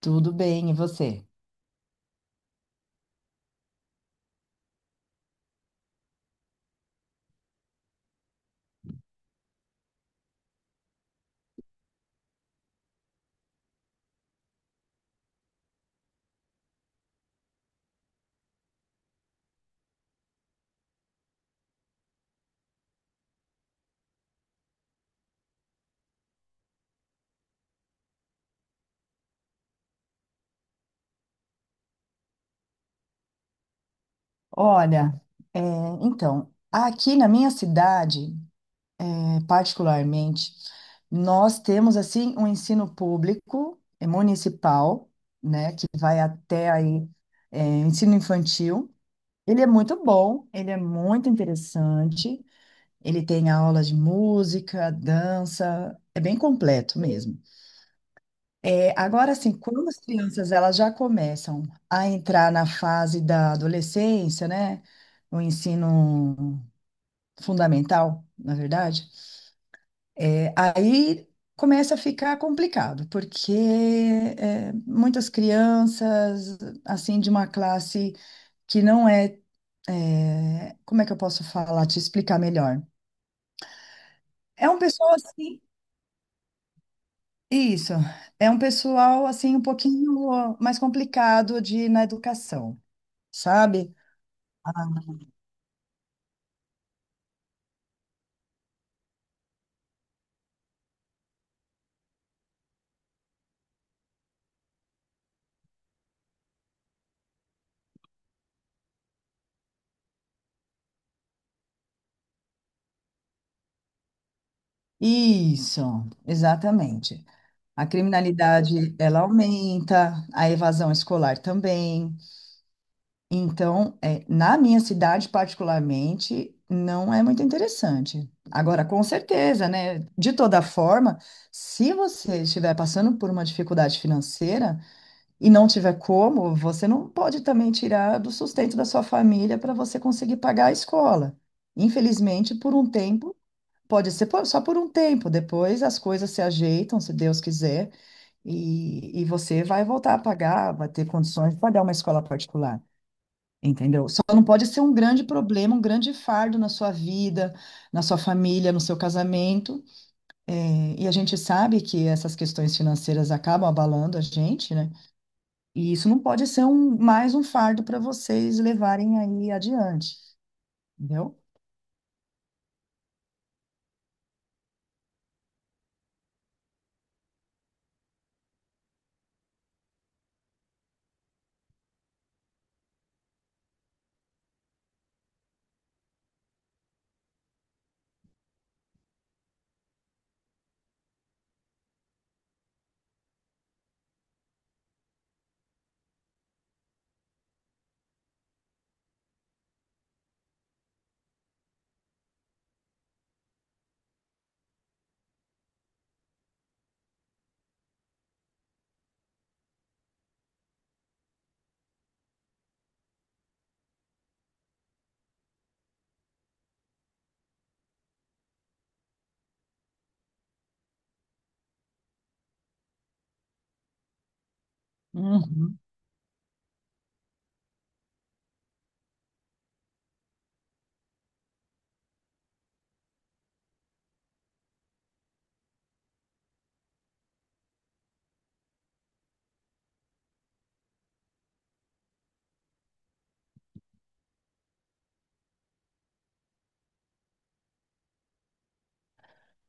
Tudo bem, e você? Olha, é, então, aqui na minha cidade, particularmente, nós temos assim um ensino público municipal, né, que vai até aí, ensino infantil. Ele é muito bom, ele é muito interessante, ele tem aulas de música, dança, é bem completo mesmo. Agora, assim, quando as crianças elas já começam a entrar na fase da adolescência, né? O ensino fundamental, na verdade, aí começa a ficar complicado, porque muitas crianças, assim, de uma classe que não é, como é que eu posso falar, te explicar melhor? É um pessoal assim, isso, é um pessoal assim um pouquinho mais complicado de na educação. Sabe? Ah, isso, exatamente. A criminalidade, ela aumenta, a evasão escolar também. Então, na minha cidade, particularmente, não é muito interessante. Agora, com certeza, né? De toda forma, se você estiver passando por uma dificuldade financeira e não tiver como, você não pode também tirar do sustento da sua família para você conseguir pagar a escola. Infelizmente, por um tempo. Pode ser só por um tempo, depois as coisas se ajeitam, se Deus quiser, e você vai voltar a pagar, vai ter condições de pagar uma escola particular, entendeu? Só não pode ser um grande problema, um grande fardo na sua vida, na sua família, no seu casamento. E a gente sabe que essas questões financeiras acabam abalando a gente, né? E isso não pode ser mais um fardo para vocês levarem aí adiante, entendeu? Uhum.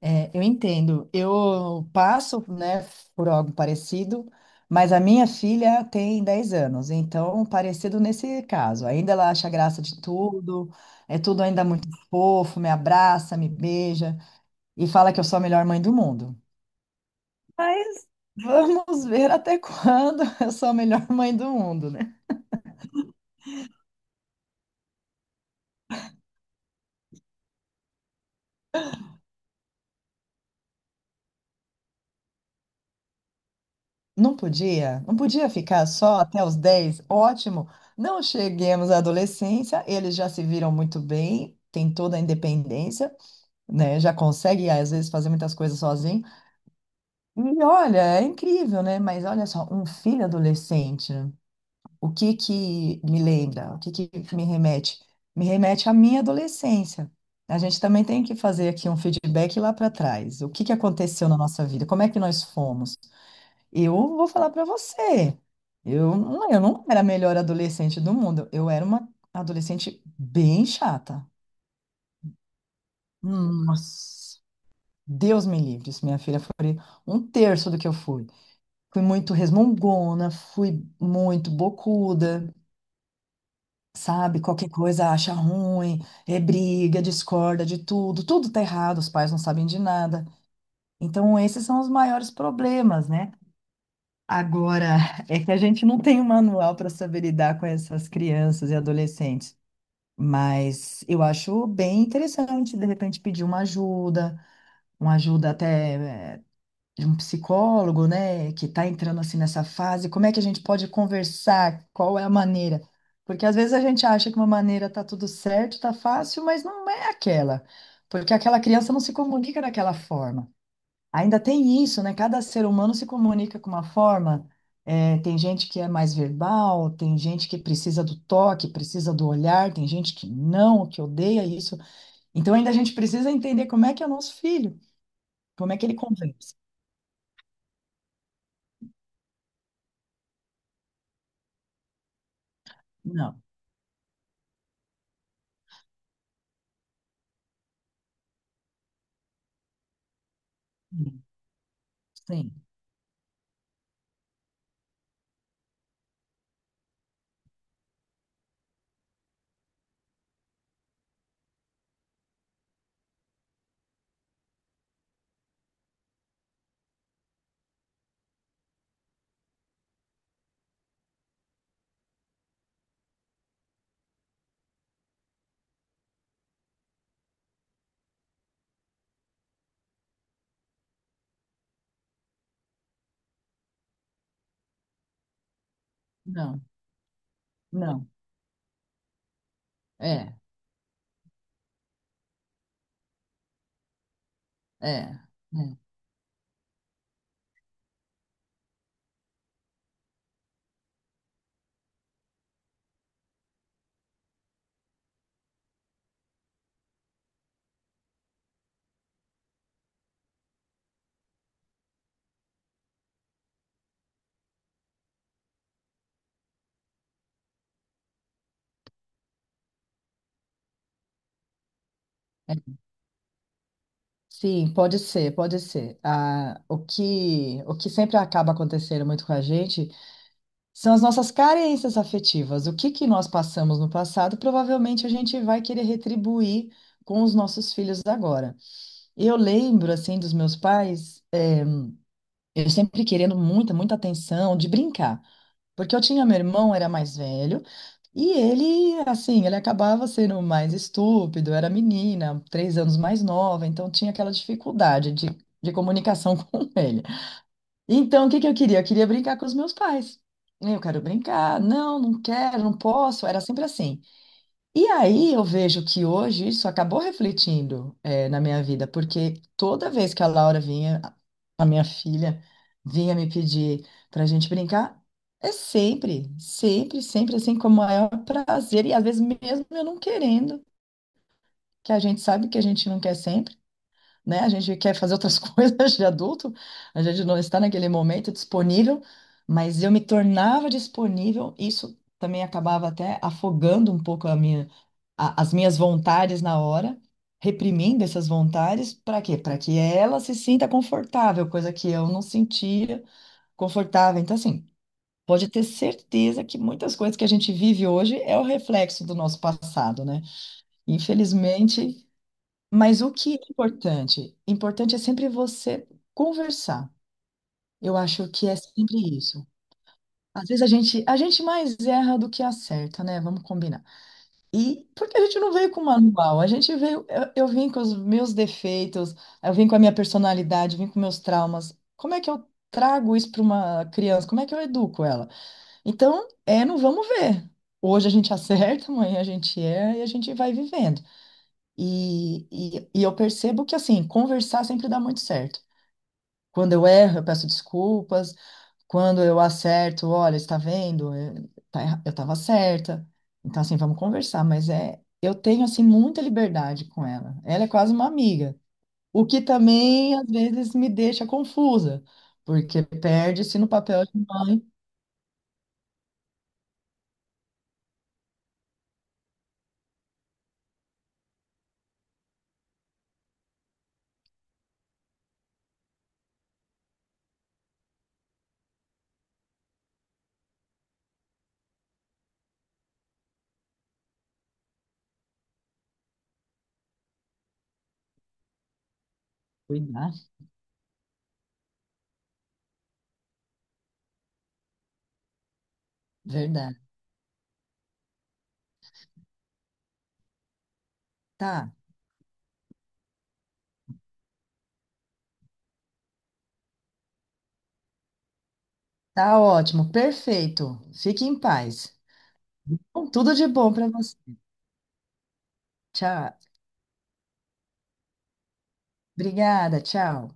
É, eu entendo. Eu passo, né, por algo parecido, mas a minha filha tem 10 anos, então parecido nesse caso. Ainda ela acha graça de tudo, é tudo ainda muito fofo, me abraça, me beija e fala que eu sou a melhor mãe do mundo. Mas vamos ver até quando eu sou a melhor mãe do mundo, né? Não podia, não podia ficar só até os 10. Ótimo. Não cheguemos à adolescência, eles já se viram muito bem, têm toda a independência, né? Já consegue, às vezes, fazer muitas coisas sozinho. E olha, é incrível, né? Mas olha só, um filho adolescente, né? O que que me lembra? O que que me remete? Me remete à minha adolescência. A gente também tem que fazer aqui um feedback lá para trás. O que que aconteceu na nossa vida? Como é que nós fomos? Eu vou falar para você. Eu não era a melhor adolescente do mundo. Eu era uma adolescente bem chata. Nossa. Deus me livre, se minha filha foi um terço do que eu fui. Fui muito resmungona, fui muito bocuda, sabe? Qualquer coisa acha ruim, é briga, discorda de tudo, tudo tá errado, os pais não sabem de nada. Então, esses são os maiores problemas, né? Agora, é que a gente não tem um manual para saber lidar com essas crianças e adolescentes, mas eu acho bem interessante, de repente, pedir uma ajuda até, de um psicólogo, né, que está entrando assim nessa fase, como é que a gente pode conversar? Qual é a maneira? Porque às vezes a gente acha que uma maneira tá tudo certo, tá fácil, mas não é aquela, porque aquela criança não se comunica daquela forma. Ainda tem isso, né? Cada ser humano se comunica com uma forma. É, tem gente que é mais verbal, tem gente que precisa do toque, precisa do olhar, tem gente que não, que odeia isso. Então ainda a gente precisa entender como é que é o nosso filho, como é que ele conversa. Não. Sim, não, não, é, é, é. É. Sim, pode ser, pode ser. Ah, o que sempre acaba acontecendo muito com a gente são as nossas carências afetivas. O que que nós passamos no passado, provavelmente a gente vai querer retribuir com os nossos filhos agora. Eu lembro, assim, dos meus pais, eu sempre querendo muita, muita atenção, de brincar. Porque eu tinha meu irmão, era mais velho, e ele, assim, ele acabava sendo mais estúpido, era menina, 3 anos mais nova, então tinha aquela dificuldade de comunicação com ele. Então, o que que eu queria? Eu queria brincar com os meus pais. Eu quero brincar, não, não quero, não posso. Era sempre assim. E aí eu vejo que hoje isso acabou refletindo, na minha vida, porque toda vez que a Laura vinha, a minha filha, vinha me pedir para a gente brincar, é sempre, sempre, sempre assim, com o maior prazer, e às vezes mesmo eu não querendo, que a gente sabe que a gente não quer sempre, né? A gente quer fazer outras coisas de adulto, a gente não está naquele momento disponível, mas eu me tornava disponível, isso também acabava até afogando um pouco as minhas vontades na hora, reprimindo essas vontades, para quê? Para que ela se sinta confortável, coisa que eu não sentia confortável. Então, assim, pode ter certeza que muitas coisas que a gente vive hoje é o reflexo do nosso passado, né? Infelizmente, mas o que é importante? Importante é sempre você conversar. Eu acho que é sempre isso. Às vezes a gente mais erra do que acerta, né? Vamos combinar. E porque a gente não veio com manual, a gente veio, eu vim com os meus defeitos, eu vim com a minha personalidade, vim com meus traumas. Como é que eu trago isso para uma criança? Como é que eu educo ela? Então, é, não vamos ver. Hoje a gente acerta, amanhã a gente erra e a gente vai vivendo. E eu percebo que, assim, conversar sempre dá muito certo. Quando eu erro, eu peço desculpas. Quando eu acerto, olha, está vendo? Eu estava certa. Então, assim, vamos conversar. Mas é, eu tenho, assim, muita liberdade com ela. Ela é quase uma amiga. O que também, às vezes, me deixa confusa, porque perde-se no papel de mãe. Cuidar, verdade. Tá, tá ótimo, perfeito. Fique em paz. Bom, tudo de bom para você. Tchau. Obrigada, tchau.